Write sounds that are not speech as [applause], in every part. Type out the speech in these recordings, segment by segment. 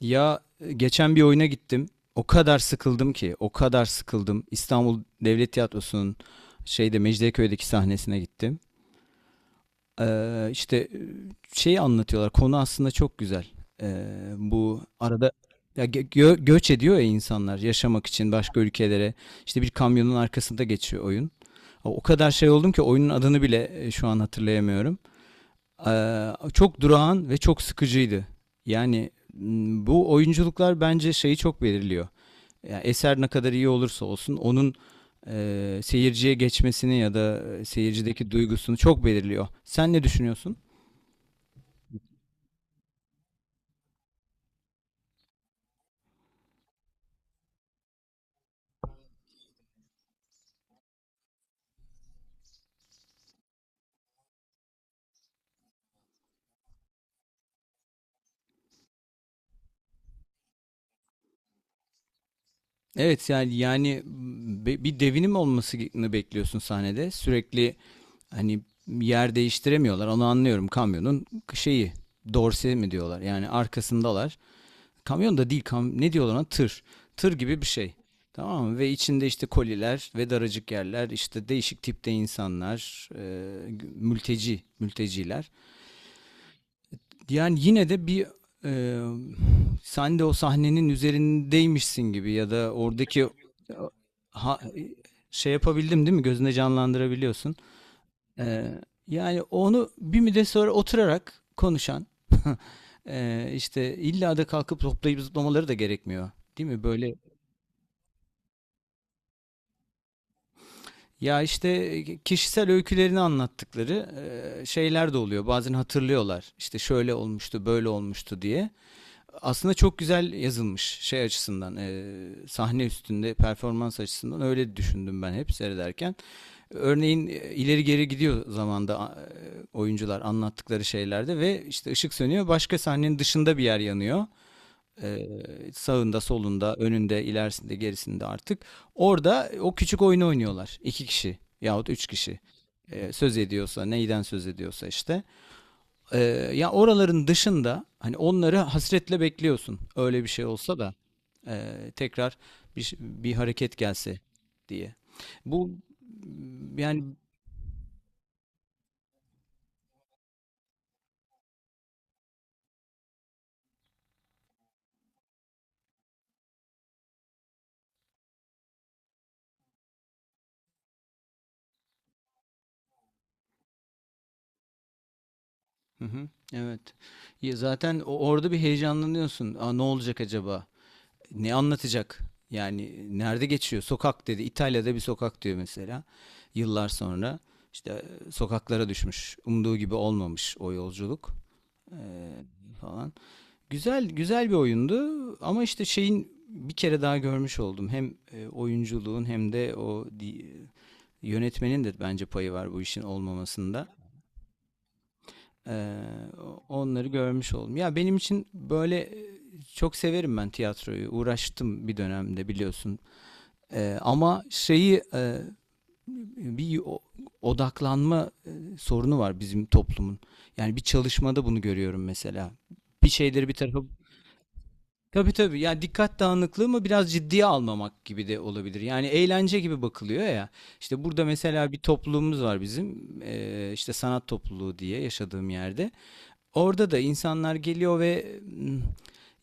Ya, geçen bir oyuna gittim. O kadar sıkıldım ki, o kadar sıkıldım. İstanbul Devlet Tiyatrosu'nun şeyde Mecidiyeköy'deki sahnesine gittim. İşte şey anlatıyorlar. Konu aslında çok güzel. Ee, Bu arada ya göç ediyor ya insanlar yaşamak için başka ülkelere. İşte bir kamyonun arkasında geçiyor oyun. O kadar şey oldum ki oyunun adını bile şu an hatırlayamıyorum. Çok durağan ve çok sıkıcıydı. Yani bu oyunculuklar bence şeyi çok belirliyor. Yani eser ne kadar iyi olursa olsun onun seyirciye geçmesini ya da seyircideki duygusunu çok belirliyor. Sen ne düşünüyorsun? Evet, yani bir devinim olmasını bekliyorsun sahnede. Sürekli hani yer değiştiremiyorlar. Onu anlıyorum kamyonun şeyi dorse mi diyorlar. Yani arkasındalar. Kamyon da değil ne diyorlar ona tır. Tır gibi bir şey. Tamam mı? Ve içinde işte koliler ve daracık yerler, işte değişik tipte insanlar, mülteciler. Yani yine de bir e, sen de o sahnenin üzerindeymişsin gibi ya da oradaki ha, e, şey yapabildim değil mi? Gözünde canlandırabiliyorsun. Ee, Yani onu bir müddet sonra oturarak konuşan [laughs] işte illa da kalkıp toplayıp zıplamaları da gerekmiyor. Değil mi? Böyle ya işte kişisel öykülerini anlattıkları şeyler de oluyor. Bazen hatırlıyorlar. İşte şöyle olmuştu, böyle olmuştu diye. Aslında çok güzel yazılmış şey açısından, sahne üstünde performans açısından öyle düşündüm ben hep seyrederken. Örneğin ileri geri gidiyor zamanda oyuncular anlattıkları şeylerde ve işte ışık sönüyor, başka sahnenin dışında bir yer yanıyor. E, Sağında, solunda, önünde, ilerisinde, gerisinde artık. Orada o küçük oyunu oynuyorlar. İki kişi yahut üç kişi. Söz ediyorsa, neyden söz ediyorsa işte. E, Ya oraların dışında hani onları hasretle bekliyorsun. Öyle bir şey olsa da e, tekrar bir hareket gelse diye. Bu yani. Hı hı, evet. Ya zaten orada bir heyecanlanıyorsun. Aa, ne olacak acaba? Ne anlatacak? Yani nerede geçiyor? Sokak dedi. İtalya'da bir sokak diyor mesela. Yıllar sonra işte sokaklara düşmüş. Umduğu gibi olmamış o yolculuk e, falan. Güzel güzel bir oyundu ama işte şeyin bir kere daha görmüş oldum. Hem oyunculuğun hem de yönetmenin de bence payı var bu işin olmamasında. Ee, Onları görmüş oldum. Ya benim için böyle, çok severim ben tiyatroyu. Uğraştım bir dönemde biliyorsun. Ama şeyi, bir odaklanma sorunu var bizim toplumun. Yani bir çalışmada bunu görüyorum mesela. Bir şeyleri bir tarafa. Tabii, tabii. Yani dikkat dağınıklığı mı, biraz ciddiye almamak gibi de olabilir. Yani eğlence gibi bakılıyor ya. İşte burada mesela bir topluluğumuz var bizim. İşte sanat topluluğu diye, yaşadığım yerde. Orada da insanlar geliyor ve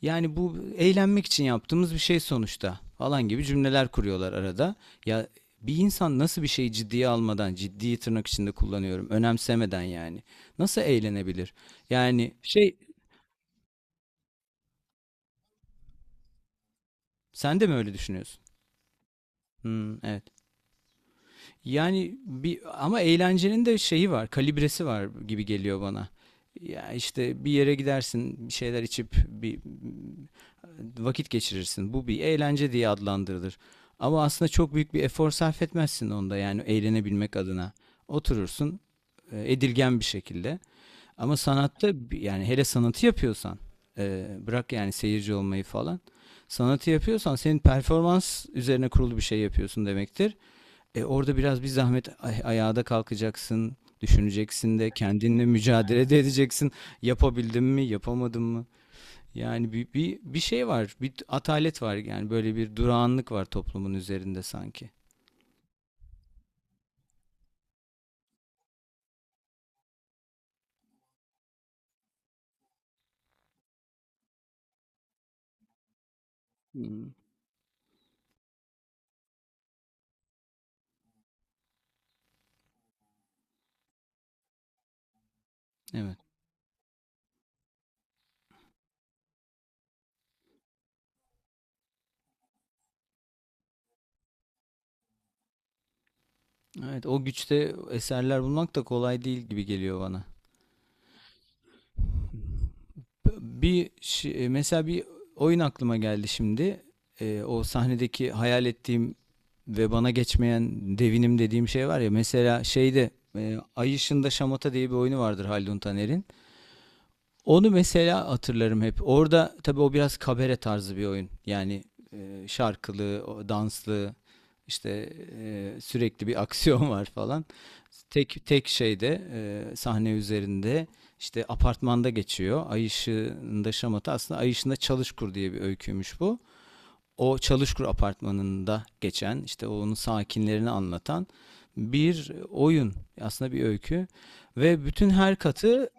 yani bu eğlenmek için yaptığımız bir şey sonuçta falan gibi cümleler kuruyorlar arada. Ya bir insan nasıl bir şeyi ciddiye almadan, ciddiyi tırnak içinde kullanıyorum, önemsemeden, yani nasıl eğlenebilir? Yani şey, sen de mi öyle düşünüyorsun? Hmm, evet. Yani bir, ama eğlencenin de şeyi var, kalibresi var gibi geliyor bana. Ya işte bir yere gidersin, bir şeyler içip bir vakit geçirirsin. Bu bir eğlence diye adlandırılır. Ama aslında çok büyük bir efor sarf etmezsin onda, yani eğlenebilmek adına. Oturursun edilgen bir şekilde. Ama sanatta yani hele sanatı yapıyorsan, bırak yani seyirci olmayı falan. Sanatı yapıyorsan senin performans üzerine kurulu bir şey yapıyorsun demektir. Orada biraz bir zahmet ayağa da kalkacaksın, düşüneceksin de, kendinle mücadele de edeceksin. Yapabildim mi, yapamadım mı? Yani bir şey var, bir atalet var, yani böyle bir durağanlık var toplumun üzerinde sanki. Hmm. Evet. Evet, o güçte eserler bulmak da kolay değil gibi geliyor bana. Mesela bir oyun aklıma geldi şimdi. O sahnedeki hayal ettiğim ve bana geçmeyen devinim dediğim şey var ya. Mesela şeyde, Ay Işığında Şamata diye bir oyunu vardır Haldun Taner'in. Onu mesela hatırlarım hep. Orada tabii o biraz kabare tarzı bir oyun. Yani şarkılı, o danslı, işte sürekli bir [laughs] aksiyon var falan. Tek tek şeyde, sahne üzerinde, işte apartmanda geçiyor. Ay ışığında şamata aslında Ay ışığında Çalışkur diye bir öyküymüş bu. O Çalışkur apartmanında geçen, işte onun sakinlerini anlatan bir oyun, aslında bir öykü, ve bütün her katı.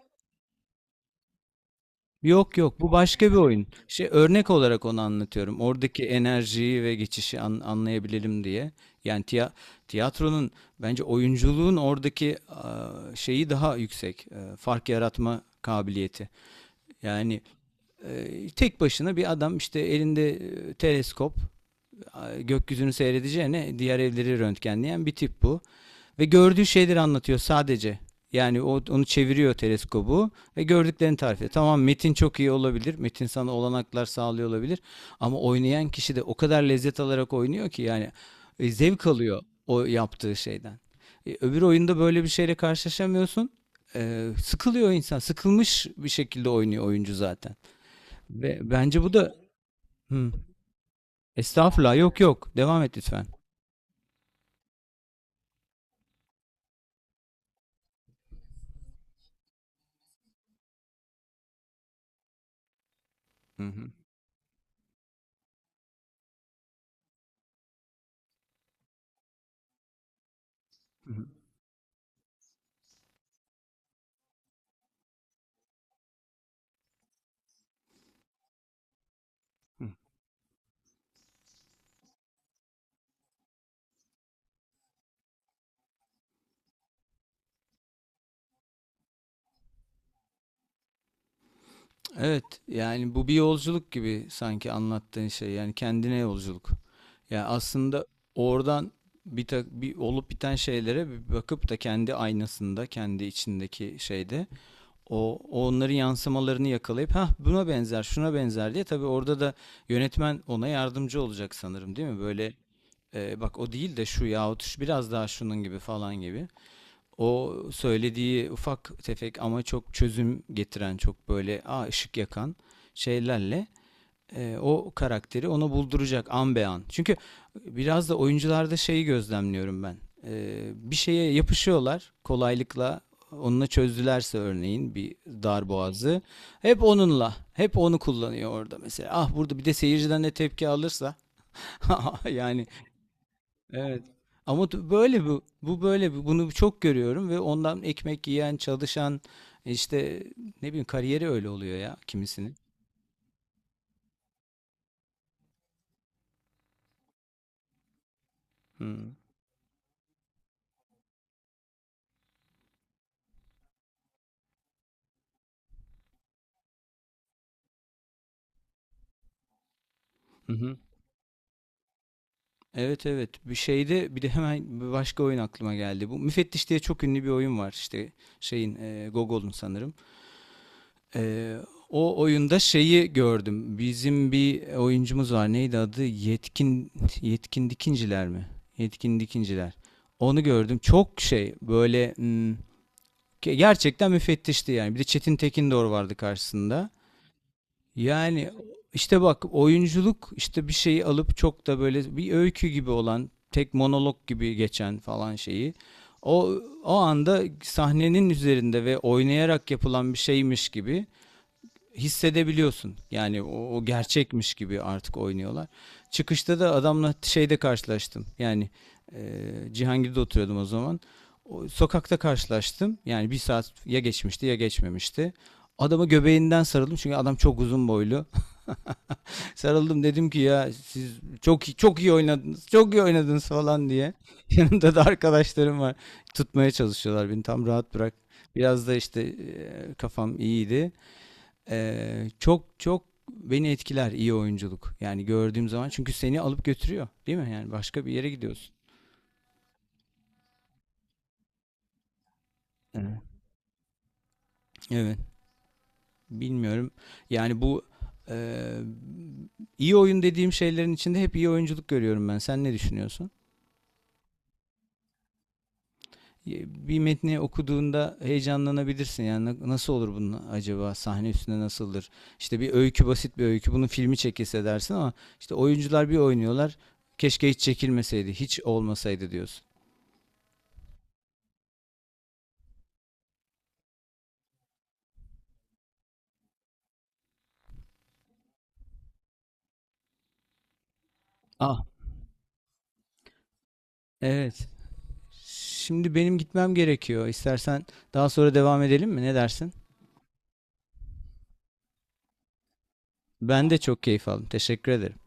Yok, yok, bu başka bir oyun. Şey, örnek olarak onu anlatıyorum. Oradaki enerjiyi ve geçişi anlayabilelim diye. Yani tiyatronun bence oyunculuğun oradaki, şeyi daha yüksek. Fark yaratma kabiliyeti. Yani tek başına bir adam işte elinde teleskop, gökyüzünü seyredeceğine diğer evleri röntgenleyen bir tip bu. Ve gördüğü şeyleri anlatıyor sadece. Yani onu çeviriyor teleskobu ve gördüklerini tarif ediyor. Tamam, metin çok iyi olabilir. Metin sana olanaklar sağlıyor olabilir. Ama oynayan kişi de o kadar lezzet alarak oynuyor ki, yani zevk alıyor o yaptığı şeyden. Öbür oyunda böyle bir şeyle karşılaşamıyorsun. Sıkılıyor insan. Sıkılmış bir şekilde oynuyor oyuncu zaten. Ve bence bu da... Hı. Estağfurullah, yok yok. Devam et lütfen. Hı hı. Evet, yani bu bir yolculuk gibi sanki anlattığın şey. Yani kendine yolculuk. Yani aslında oradan bir olup biten şeylere bir bakıp da, kendi aynasında, kendi içindeki şeyde onların yansımalarını yakalayıp, ha buna benzer, şuna benzer diye, tabii orada da yönetmen ona yardımcı olacak sanırım, değil mi? Böyle bak, o değil de şu, yahut şu biraz daha şunun gibi falan gibi. O söylediği ufak tefek ama çok çözüm getiren, çok böyle, ışık yakan şeylerle o karakteri ona bulduracak an be an. Çünkü biraz da oyuncularda şeyi gözlemliyorum ben. Bir şeye yapışıyorlar kolaylıkla. Onunla çözdülerse örneğin bir dar boğazı. Hep onunla. Hep onu kullanıyor orada mesela. Ah, burada bir de seyirciden de tepki alırsa. [laughs] Yani. Evet. Ama böyle bu. Bu böyle bu. Bunu çok görüyorum ve ondan ekmek yiyen, çalışan, işte ne bileyim, kariyeri öyle oluyor ya kimisinin. Hı. Hı hı. Evet, evet. Bir şeyde bir de hemen bir başka oyun aklıma geldi. Bu Müfettiş diye çok ünlü bir oyun var, işte şeyin, Gogol'un sanırım. E, O oyunda şeyi gördüm. Bizim bir oyuncumuz var. Neydi adı? Yetkin. Yetkin Dikinciler mi? Yetkin Dikinciler. Onu gördüm. Çok şey böyle. Hmm. Gerçekten müfettişti yani. Bir de Çetin Tekindor vardı karşısında. Yani işte bak, oyunculuk işte, bir şeyi alıp çok da böyle bir öykü gibi olan, tek monolog gibi geçen falan şeyi, o o anda sahnenin üzerinde ve oynayarak yapılan bir şeymiş gibi hissedebiliyorsun. Yani o gerçekmiş gibi artık oynuyorlar. Çıkışta da adamla şeyde karşılaştım. Yani e, Cihangir'de oturuyordum o zaman. O, sokakta karşılaştım. Yani bir saat ya geçmişti ya geçmemişti. Adama göbeğinden sarıldım çünkü adam çok uzun boylu. [laughs] Sarıldım, dedim ki: "Ya siz çok çok iyi oynadınız. Çok iyi oynadınız" falan diye. [laughs] Yanımda da arkadaşlarım var. Tutmaya çalışıyorlar beni. Tam, rahat bırak. Biraz da işte kafam iyiydi. Çok çok beni etkiler iyi oyunculuk. Yani gördüğüm zaman, çünkü seni alıp götürüyor, değil mi? Yani başka bir yere gidiyorsun. Evet. Evet, bilmiyorum. Yani bu e, iyi oyun dediğim şeylerin içinde hep iyi oyunculuk görüyorum ben. Sen ne düşünüyorsun? E, Bir metni okuduğunda heyecanlanabilirsin. Yani nasıl olur bunun acaba? Sahne üstünde nasıldır? İşte bir öykü, basit bir öykü. Bunun filmi çekilse dersin ama işte oyuncular bir oynuyorlar. Keşke hiç çekilmeseydi, hiç olmasaydı diyorsun. Ah. Evet. Şimdi benim gitmem gerekiyor. İstersen daha sonra devam edelim mi? Ne dersin? Ben de çok keyif aldım. Teşekkür ederim.